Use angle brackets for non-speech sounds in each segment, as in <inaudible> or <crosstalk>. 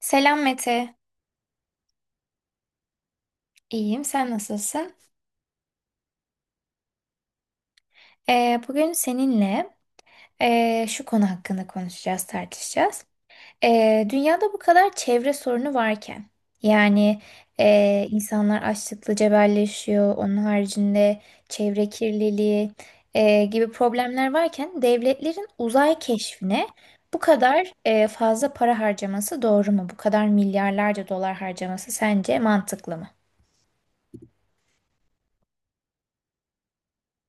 Selam Mete. İyiyim, sen nasılsın? Bugün seninle şu konu hakkında konuşacağız, tartışacağız. Dünyada bu kadar çevre sorunu varken, yani insanlar açlıkla cebelleşiyor, onun haricinde çevre kirliliği gibi problemler varken devletlerin uzay keşfine bu kadar fazla para harcaması doğru mu? Bu kadar milyarlarca dolar harcaması sence mantıklı mı?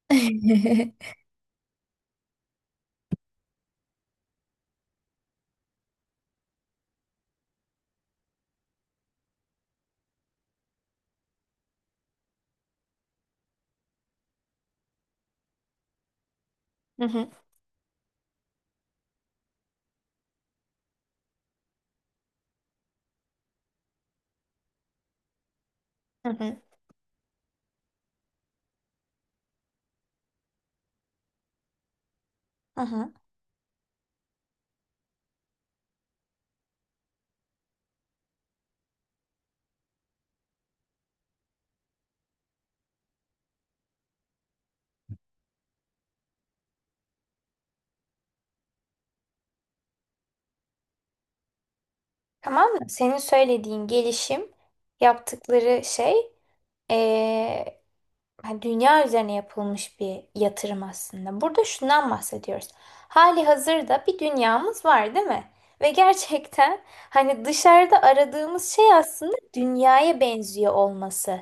<laughs> Hı hı, hı hı, hı hı. Tamam mı? Senin söylediğin gelişim, yaptıkları şey, eee, hani dünya üzerine yapılmış bir yatırım aslında. Burada şundan bahsediyoruz. Hali hazırda bir dünyamız var, değil mi? Ve gerçekten hani dışarıda aradığımız şey aslında dünyaya benziyor olması.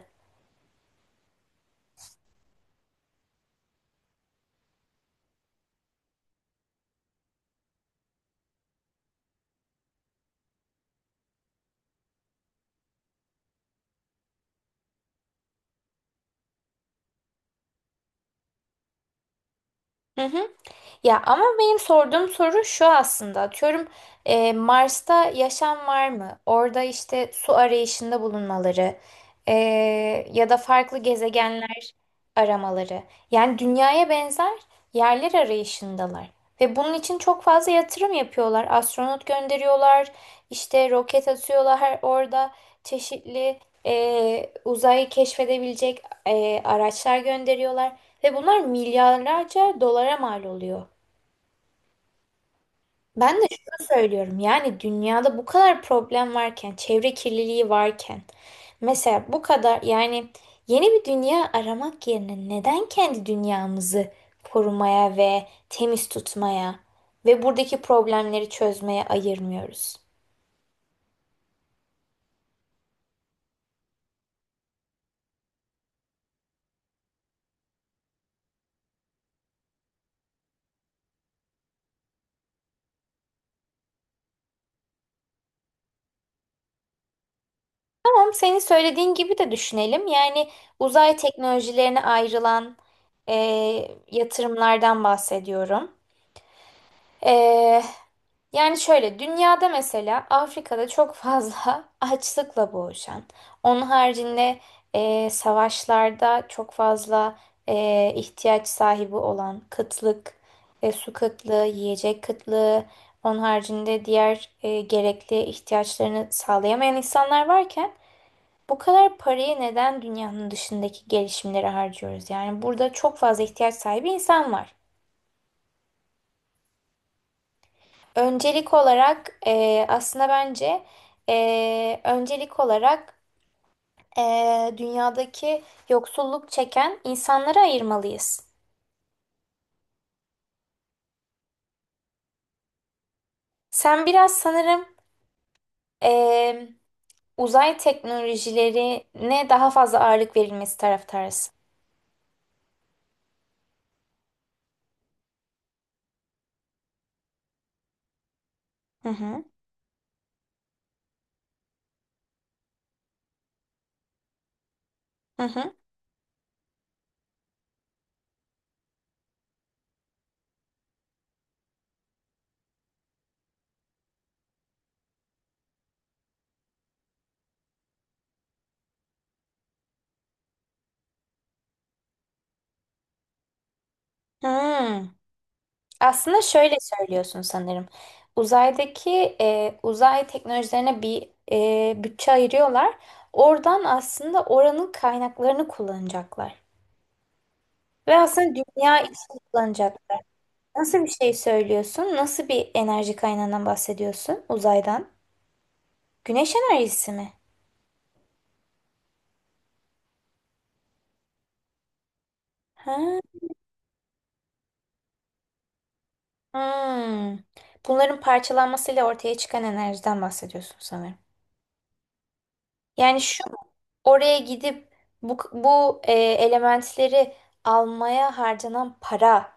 Hı hı. Ya ama benim sorduğum soru şu aslında. Atıyorum, Mars'ta yaşam var mı? Orada işte su arayışında bulunmaları, e, ya da farklı gezegenler aramaları. Yani dünyaya benzer yerler arayışındalar. Ve bunun için çok fazla yatırım yapıyorlar. Astronot gönderiyorlar, işte roket atıyorlar, orada çeşitli uzayı keşfedebilecek araçlar gönderiyorlar. Ve bunlar milyarlarca dolara mal oluyor. Ben de şunu söylüyorum, yani dünyada bu kadar problem varken, çevre kirliliği varken, mesela bu kadar, yani yeni bir dünya aramak yerine neden kendi dünyamızı korumaya ve temiz tutmaya ve buradaki problemleri çözmeye ayırmıyoruz? Tamam, senin söylediğin gibi de düşünelim. Yani uzay teknolojilerine ayrılan yatırımlardan bahsediyorum. Yani şöyle, dünyada mesela Afrika'da çok fazla <laughs> açlıkla boğuşan, onun haricinde savaşlarda çok fazla ihtiyaç sahibi olan, kıtlık, su kıtlığı, yiyecek kıtlığı, onun haricinde diğer gerekli ihtiyaçlarını sağlayamayan insanlar varken bu kadar parayı neden dünyanın dışındaki gelişimlere harcıyoruz? Yani burada çok fazla ihtiyaç sahibi insan var. Öncelik olarak aslında bence e, öncelik olarak e, dünyadaki yoksulluk çeken insanları ayırmalıyız. Sen biraz sanırım e, uzay teknolojilerine daha fazla ağırlık verilmesi taraftarısın. Hı hı. Hı hı. Hmm. Aslında şöyle söylüyorsun sanırım. Uzay teknolojilerine bir bütçe ayırıyorlar. Oradan aslında oranın kaynaklarını kullanacaklar. Ve aslında dünya için kullanacaklar. Nasıl bir şey söylüyorsun? Nasıl bir enerji kaynağından bahsediyorsun? Uzaydan. Güneş enerjisi mi? Ha. Hmm. Bunların parçalanmasıyla ortaya çıkan enerjiden bahsediyorsun sanırım. Yani şu, oraya gidip bu elementleri almaya harcanan para,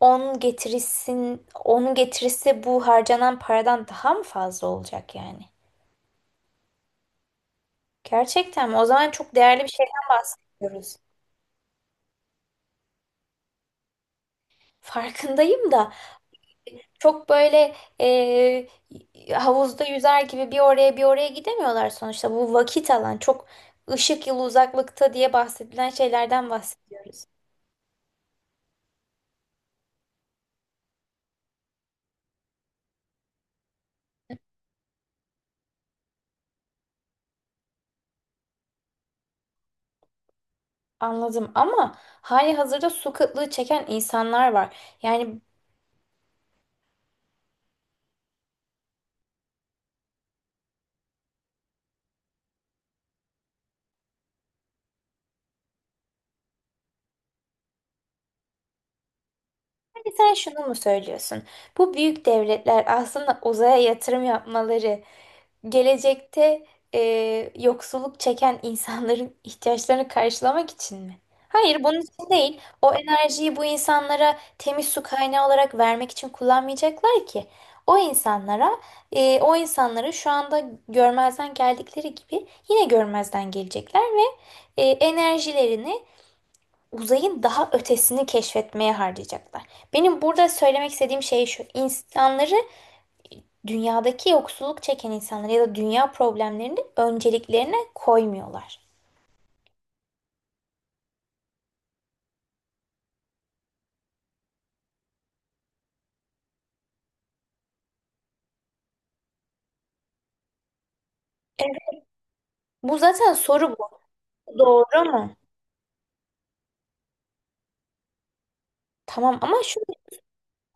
onun getirisi bu harcanan paradan daha mı fazla olacak yani? Gerçekten mi? O zaman çok değerli bir şeyden bahsediyoruz. Farkındayım da, çok böyle havuzda yüzer gibi bir oraya bir oraya gidemiyorlar sonuçta. Bu vakit alan, çok ışık yılı uzaklıkta diye bahsedilen şeylerden bahsediyoruz. Anladım, ama hali hazırda su kıtlığı çeken insanlar var. Yani hani sen şunu mu söylüyorsun? Bu büyük devletler aslında uzaya yatırım yapmaları gelecekte e, yoksulluk çeken insanların <laughs> ihtiyaçlarını karşılamak için mi? Hayır, bunun için değil. O enerjiyi bu insanlara temiz su kaynağı olarak vermek için kullanmayacaklar ki. O insanlara, o insanları şu anda görmezden geldikleri gibi yine görmezden gelecekler ve enerjilerini uzayın daha ötesini keşfetmeye harcayacaklar. Benim burada söylemek istediğim şey şu. İnsanları dünyadaki yoksulluk çeken insanlar ya da dünya problemlerini önceliklerine koymuyorlar. Evet. Bu zaten soru, bu. Doğru mu? Tamam ama şu,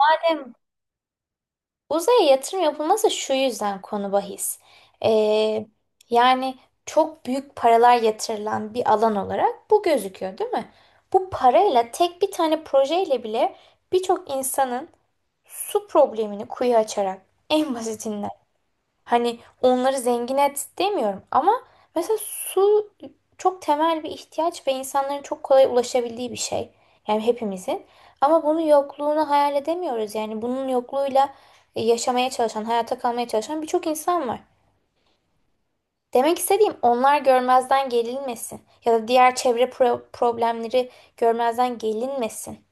zaten uzaya yatırım yapılması şu yüzden konu bahis. Ee, Yani çok büyük paralar yatırılan bir alan olarak bu gözüküyor, değil mi? Bu parayla tek bir tane projeyle bile birçok insanın su problemini kuyu açarak en basitinden. Hani onları zengin et demiyorum, ama mesela su çok temel bir ihtiyaç ve insanların çok kolay ulaşabildiği bir şey. Yani hepimizin. Ama bunun yokluğunu hayal edemiyoruz. Yani bunun yokluğuyla yaşamaya çalışan, hayata kalmaya çalışan birçok insan var. Demek istediğim, onlar görmezden gelinmesin. Ya da diğer problemleri görmezden gelinmesin.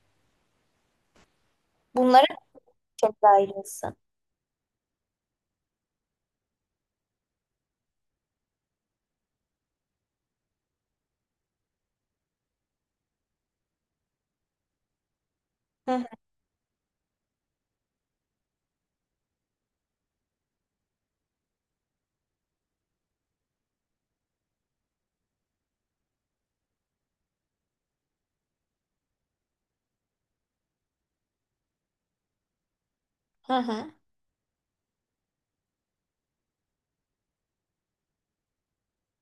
Bunlara çok ayrılsın. Hı hı. Hı hı.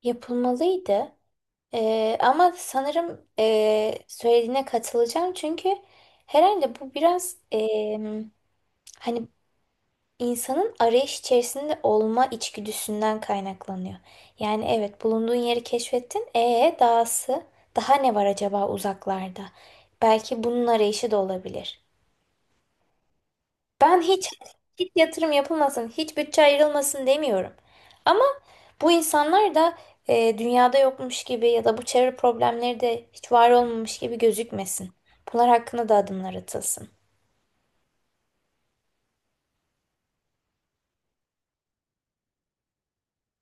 Yapılmalıydı. Ama sanırım söylediğine katılacağım, çünkü herhalde bu biraz hani insanın arayış içerisinde olma içgüdüsünden kaynaklanıyor. Yani evet, bulunduğun yeri keşfettin. E dahası, daha ne var acaba uzaklarda? Belki bunun arayışı da olabilir. Ben hiç yatırım yapılmasın, hiç bütçe ayrılmasın demiyorum. Bu insanlar da dünyada yokmuş gibi ya da bu çevre problemleri de hiç var olmamış gibi gözükmesin. Bunlar hakkında da adımlar atılsın.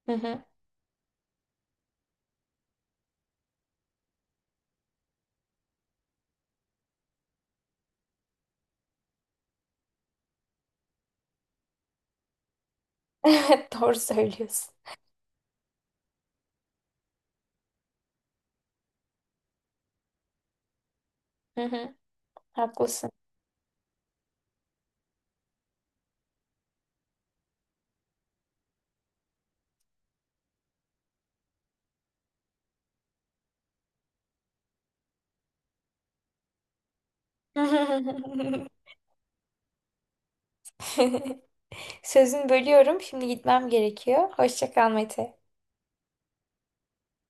Hı hı. <laughs> Evet, doğru söylüyorsun. Hı hı, haklısın. <laughs> Sözünü bölüyorum. Şimdi gitmem gerekiyor. Hoşça kal Mete.